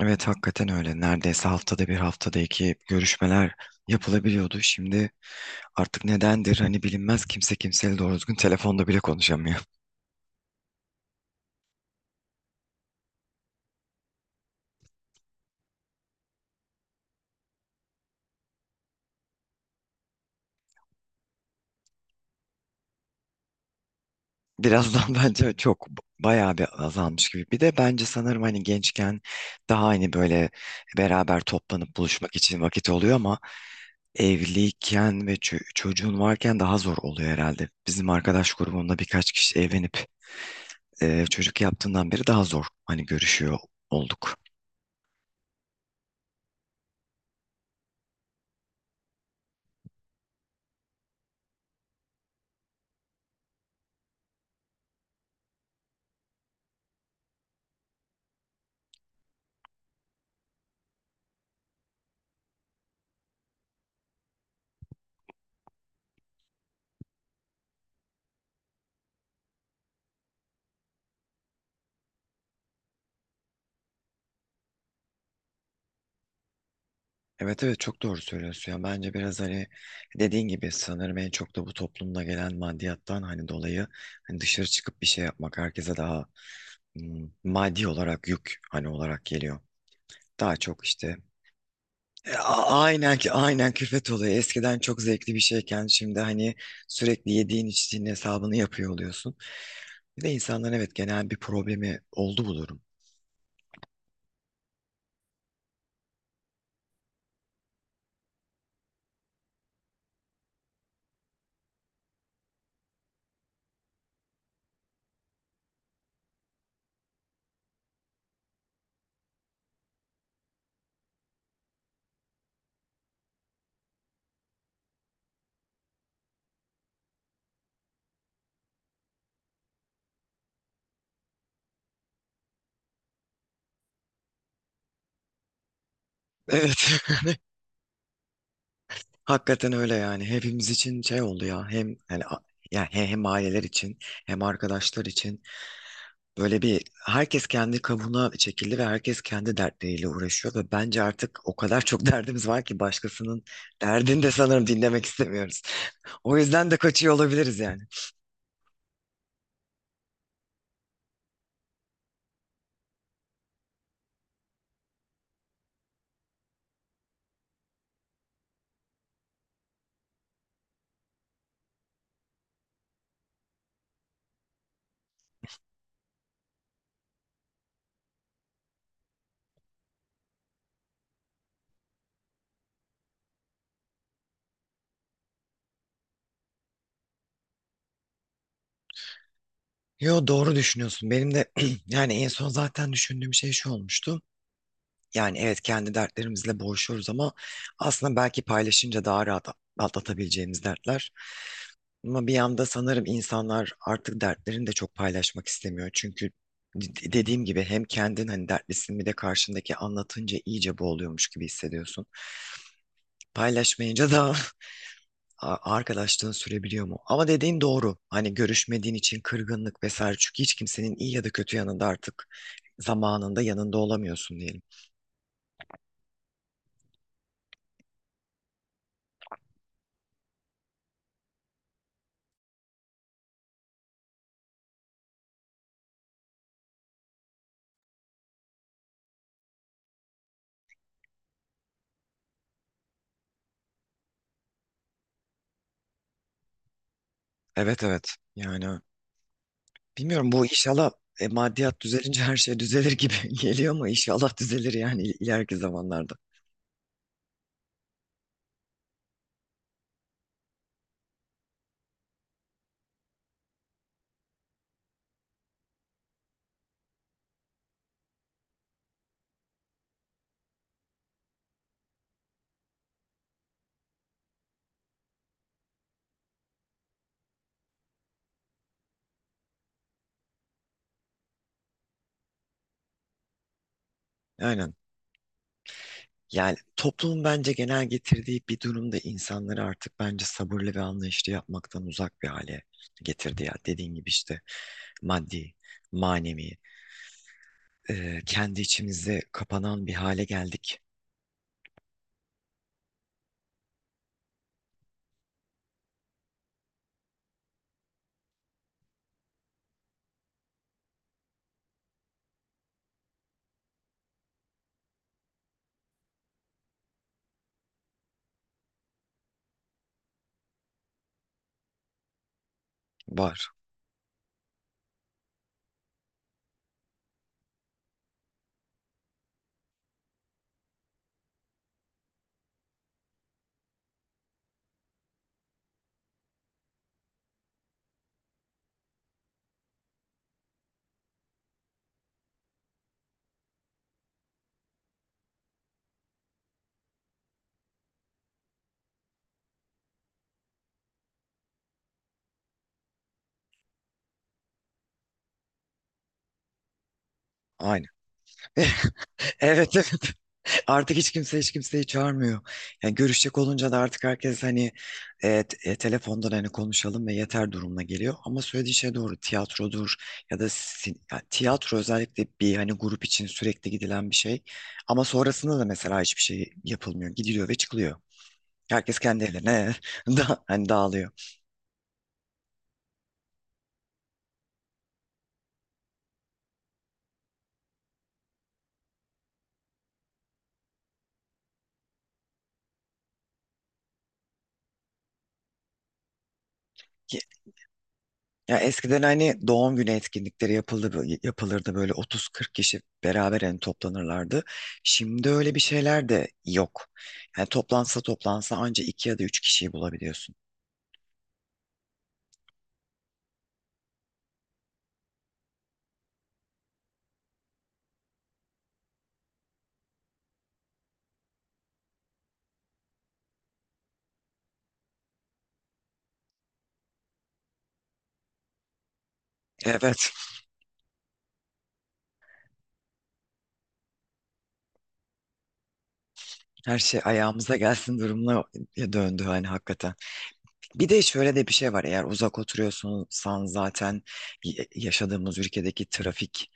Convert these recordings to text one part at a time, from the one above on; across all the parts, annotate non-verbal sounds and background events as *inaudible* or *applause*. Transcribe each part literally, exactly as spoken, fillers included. Evet hakikaten öyle. Neredeyse haftada bir, haftada iki görüşmeler yapılabiliyordu. Şimdi artık nedendir hani bilinmez, kimse kimseyle doğru düzgün telefonda bile konuşamıyor. *laughs* Birazdan bence çok bayağı bir azalmış gibi. Bir de bence sanırım hani gençken daha hani böyle beraber toplanıp buluşmak için vakit oluyor, ama evliyken ve ço- çocuğun varken daha zor oluyor herhalde. Bizim arkadaş grubunda birkaç kişi evlenip e, çocuk yaptığından beri daha zor hani görüşüyor olduk. Evet, evet, çok doğru söylüyorsun ya, bence biraz hani dediğin gibi sanırım en çok da bu toplumda gelen maddiyattan hani dolayı hani dışarı çıkıp bir şey yapmak herkese daha hmm, maddi olarak yük hani olarak geliyor. Daha çok işte e, a- aynen ki aynen külfet oluyor. Eskiden çok zevkli bir şeyken şimdi hani sürekli yediğin içtiğin hesabını yapıyor oluyorsun. Bir de insanların evet genel bir problemi oldu bu durum. Evet. *laughs* Hakikaten öyle yani. Hepimiz için şey oldu ya. Hem yani a- yani he- hem aileler için hem arkadaşlar için böyle bir, herkes kendi kabuğuna çekildi ve herkes kendi dertleriyle uğraşıyor ve bence artık o kadar çok *laughs* derdimiz var ki başkasının derdini de sanırım dinlemek istemiyoruz. O yüzden de kaçıyor olabiliriz yani. Yo, doğru düşünüyorsun. Benim de *clears throat* yani en son zaten düşündüğüm şey şu olmuştu. Yani evet, kendi dertlerimizle boğuşuyoruz, ama aslında belki paylaşınca daha rahat atlatabileceğimiz dertler. Ama bir yanda sanırım insanlar artık dertlerini de çok paylaşmak istemiyor. Çünkü d- dediğim gibi hem kendin hani dertlisin, bir de karşındaki anlatınca iyice boğuluyormuş gibi hissediyorsun. Paylaşmayınca da *laughs* a- arkadaşlığın sürebiliyor mu? Ama dediğin doğru. Hani görüşmediğin için kırgınlık vesaire. Çünkü hiç kimsenin iyi ya da kötü yanında artık zamanında yanında olamıyorsun diyelim. Evet, evet yani. Bilmiyorum, bu inşallah e, maddiyat düzelince her şey düzelir gibi *laughs* geliyor, ama inşallah düzelir yani il- ileriki zamanlarda. Aynen. Yani toplumun bence genel getirdiği bir durumda insanları artık bence sabırlı ve anlayışlı yapmaktan uzak bir hale getirdi ya. Dediğin gibi işte maddi, manevi, e, kendi içimize kapanan bir hale geldik. Var. Aynen. Evet, evet. *laughs* Artık hiç kimse hiç kimseyi çağırmıyor. Yani görüşecek olunca da artık herkes hani e, t- e, telefondan hani konuşalım ve yeter durumuna geliyor. Ama söylediği şey doğru. Tiyatrodur ya da sin- ya tiyatro özellikle bir hani grup için sürekli gidilen bir şey. Ama sonrasında da mesela hiçbir şey yapılmıyor. Gidiliyor ve çıkılıyor. Herkes kendi evine *laughs* da hani dağılıyor. Ya, eskiden hani doğum günü etkinlikleri yapıldı, bö- yapılırdı, böyle otuz kırk kişi beraber hani toplanırlardı. Şimdi öyle bir şeyler de yok. Yani toplansa toplansa anca iki ya da üç kişiyi bulabiliyorsun. Evet, her şey ayağımıza gelsin durumuna döndü hani hakikaten. Bir de şöyle de bir şey var. Eğer uzak oturuyorsan zaten y- yaşadığımız ülkedeki trafik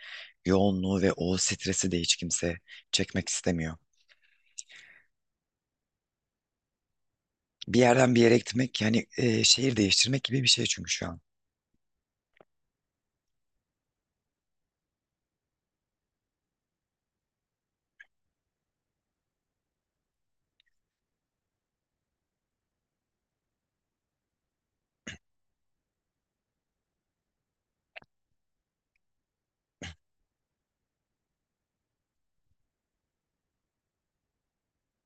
yoğunluğu ve o stresi de hiç kimse çekmek istemiyor. Bir yerden bir yere gitmek yani e, şehir değiştirmek gibi bir şey çünkü şu an.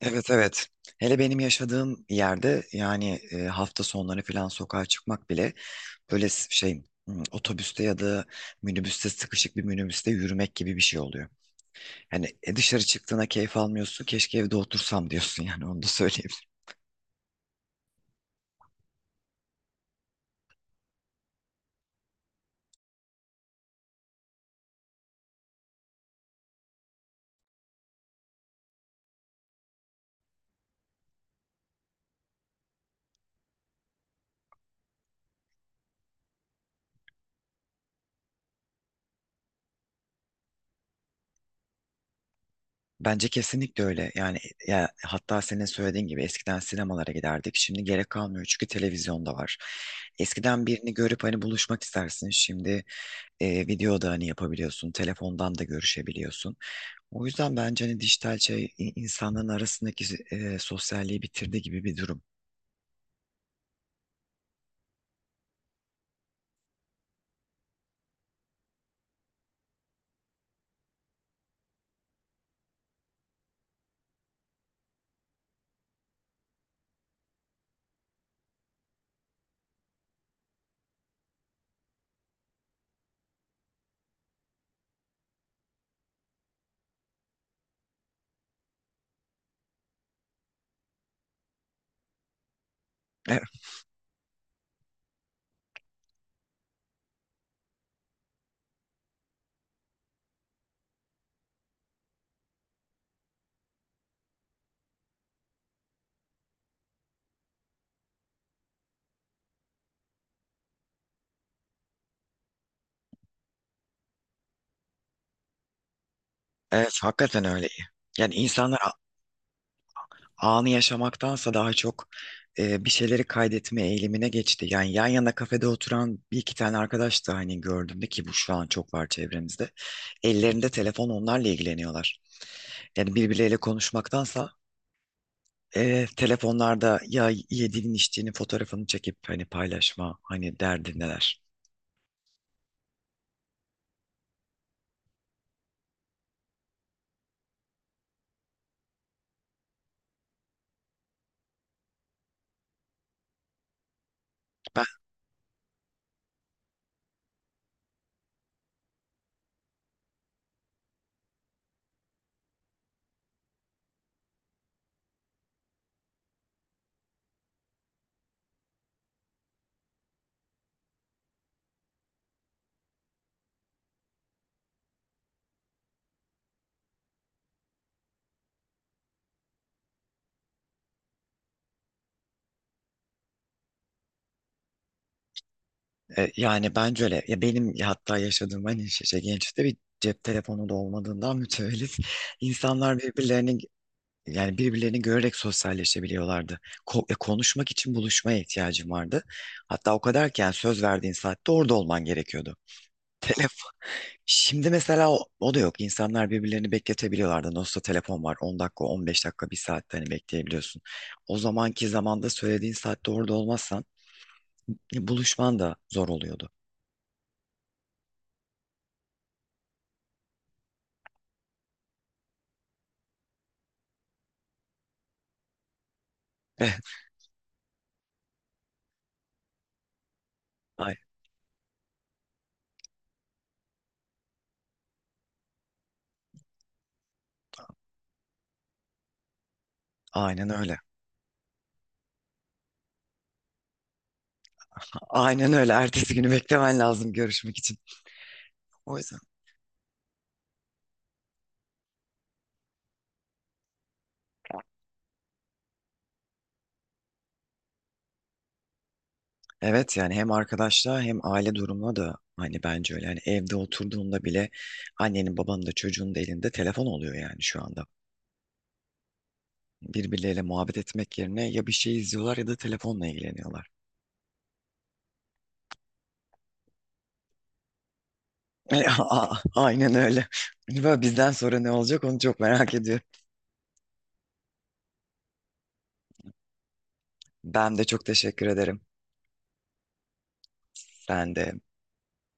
Evet, evet. Hele benim yaşadığım yerde yani e, hafta sonları falan sokağa çıkmak bile böyle s- şey, hmm, otobüste ya da minibüste, sıkışık bir minibüste yürümek gibi bir şey oluyor. Hani e, dışarı çıktığına keyif almıyorsun. Keşke evde otursam *laughs* diyorsun, yani onu da söyleyeyim. Bence kesinlikle öyle. Yani ya, hatta senin söylediğin gibi eskiden sinemalara giderdik. Şimdi gerek kalmıyor çünkü televizyonda var. Eskiden birini görüp hani buluşmak istersin. Şimdi e, video da hani yapabiliyorsun, telefondan da görüşebiliyorsun. O yüzden bence hani dijital şey i- insanların arasındaki e, sosyalliği bitirdi gibi bir durum. Evet, evet, hakikaten öyle. Yani insanlar a- anı yaşamaktansa daha çok e, bir şeyleri kaydetme eğilimine geçti. Yani yan yana kafede oturan bir iki tane arkadaş da hani gördüm de ki bu şu an çok var çevremizde. Ellerinde telefon, onlarla ilgileniyorlar. Yani birbirleriyle konuşmaktansa e, telefonlarda ya yediğinin içtiğinin fotoğrafını çekip hani paylaşma hani derdindeler. Ben e, yani bence öyle. Ya, benim hatta yaşadığım hani şey, şey, gençlikte bir cep telefonu da olmadığından *laughs* mütevellit insanlar birbirlerini, yani birbirlerini görerek sosyalleşebiliyorlardı. Ko- e, konuşmak için buluşmaya ihtiyacım vardı. Hatta o kadar ki, yani söz verdiğin saatte orada olman gerekiyordu. Şimdi mesela o, o da yok. İnsanlar birbirlerini bekletebiliyorlardı. Nasılsa telefon var. On dakika, on beş dakika, bir saatte hani bekleyebiliyorsun. O zamanki zamanda söylediğin saatte orada olmazsan e, buluşman da zor oluyordu. Eh, ay- aynen öyle. Aynen öyle. Ertesi günü beklemen lazım görüşmek için. O yüzden. Evet yani hem arkadaşlığa hem aile durumuna da hani bence öyle. Yani evde oturduğunda bile annenin babanın da çocuğun da elinde telefon oluyor yani şu anda. Birbirleriyle muhabbet etmek yerine ya bir şey izliyorlar ya da telefonla ilgileniyorlar. E, a- a- Aynen öyle. Böyle bizden sonra ne olacak onu çok merak ediyorum. Ben de çok teşekkür ederim. Sen de.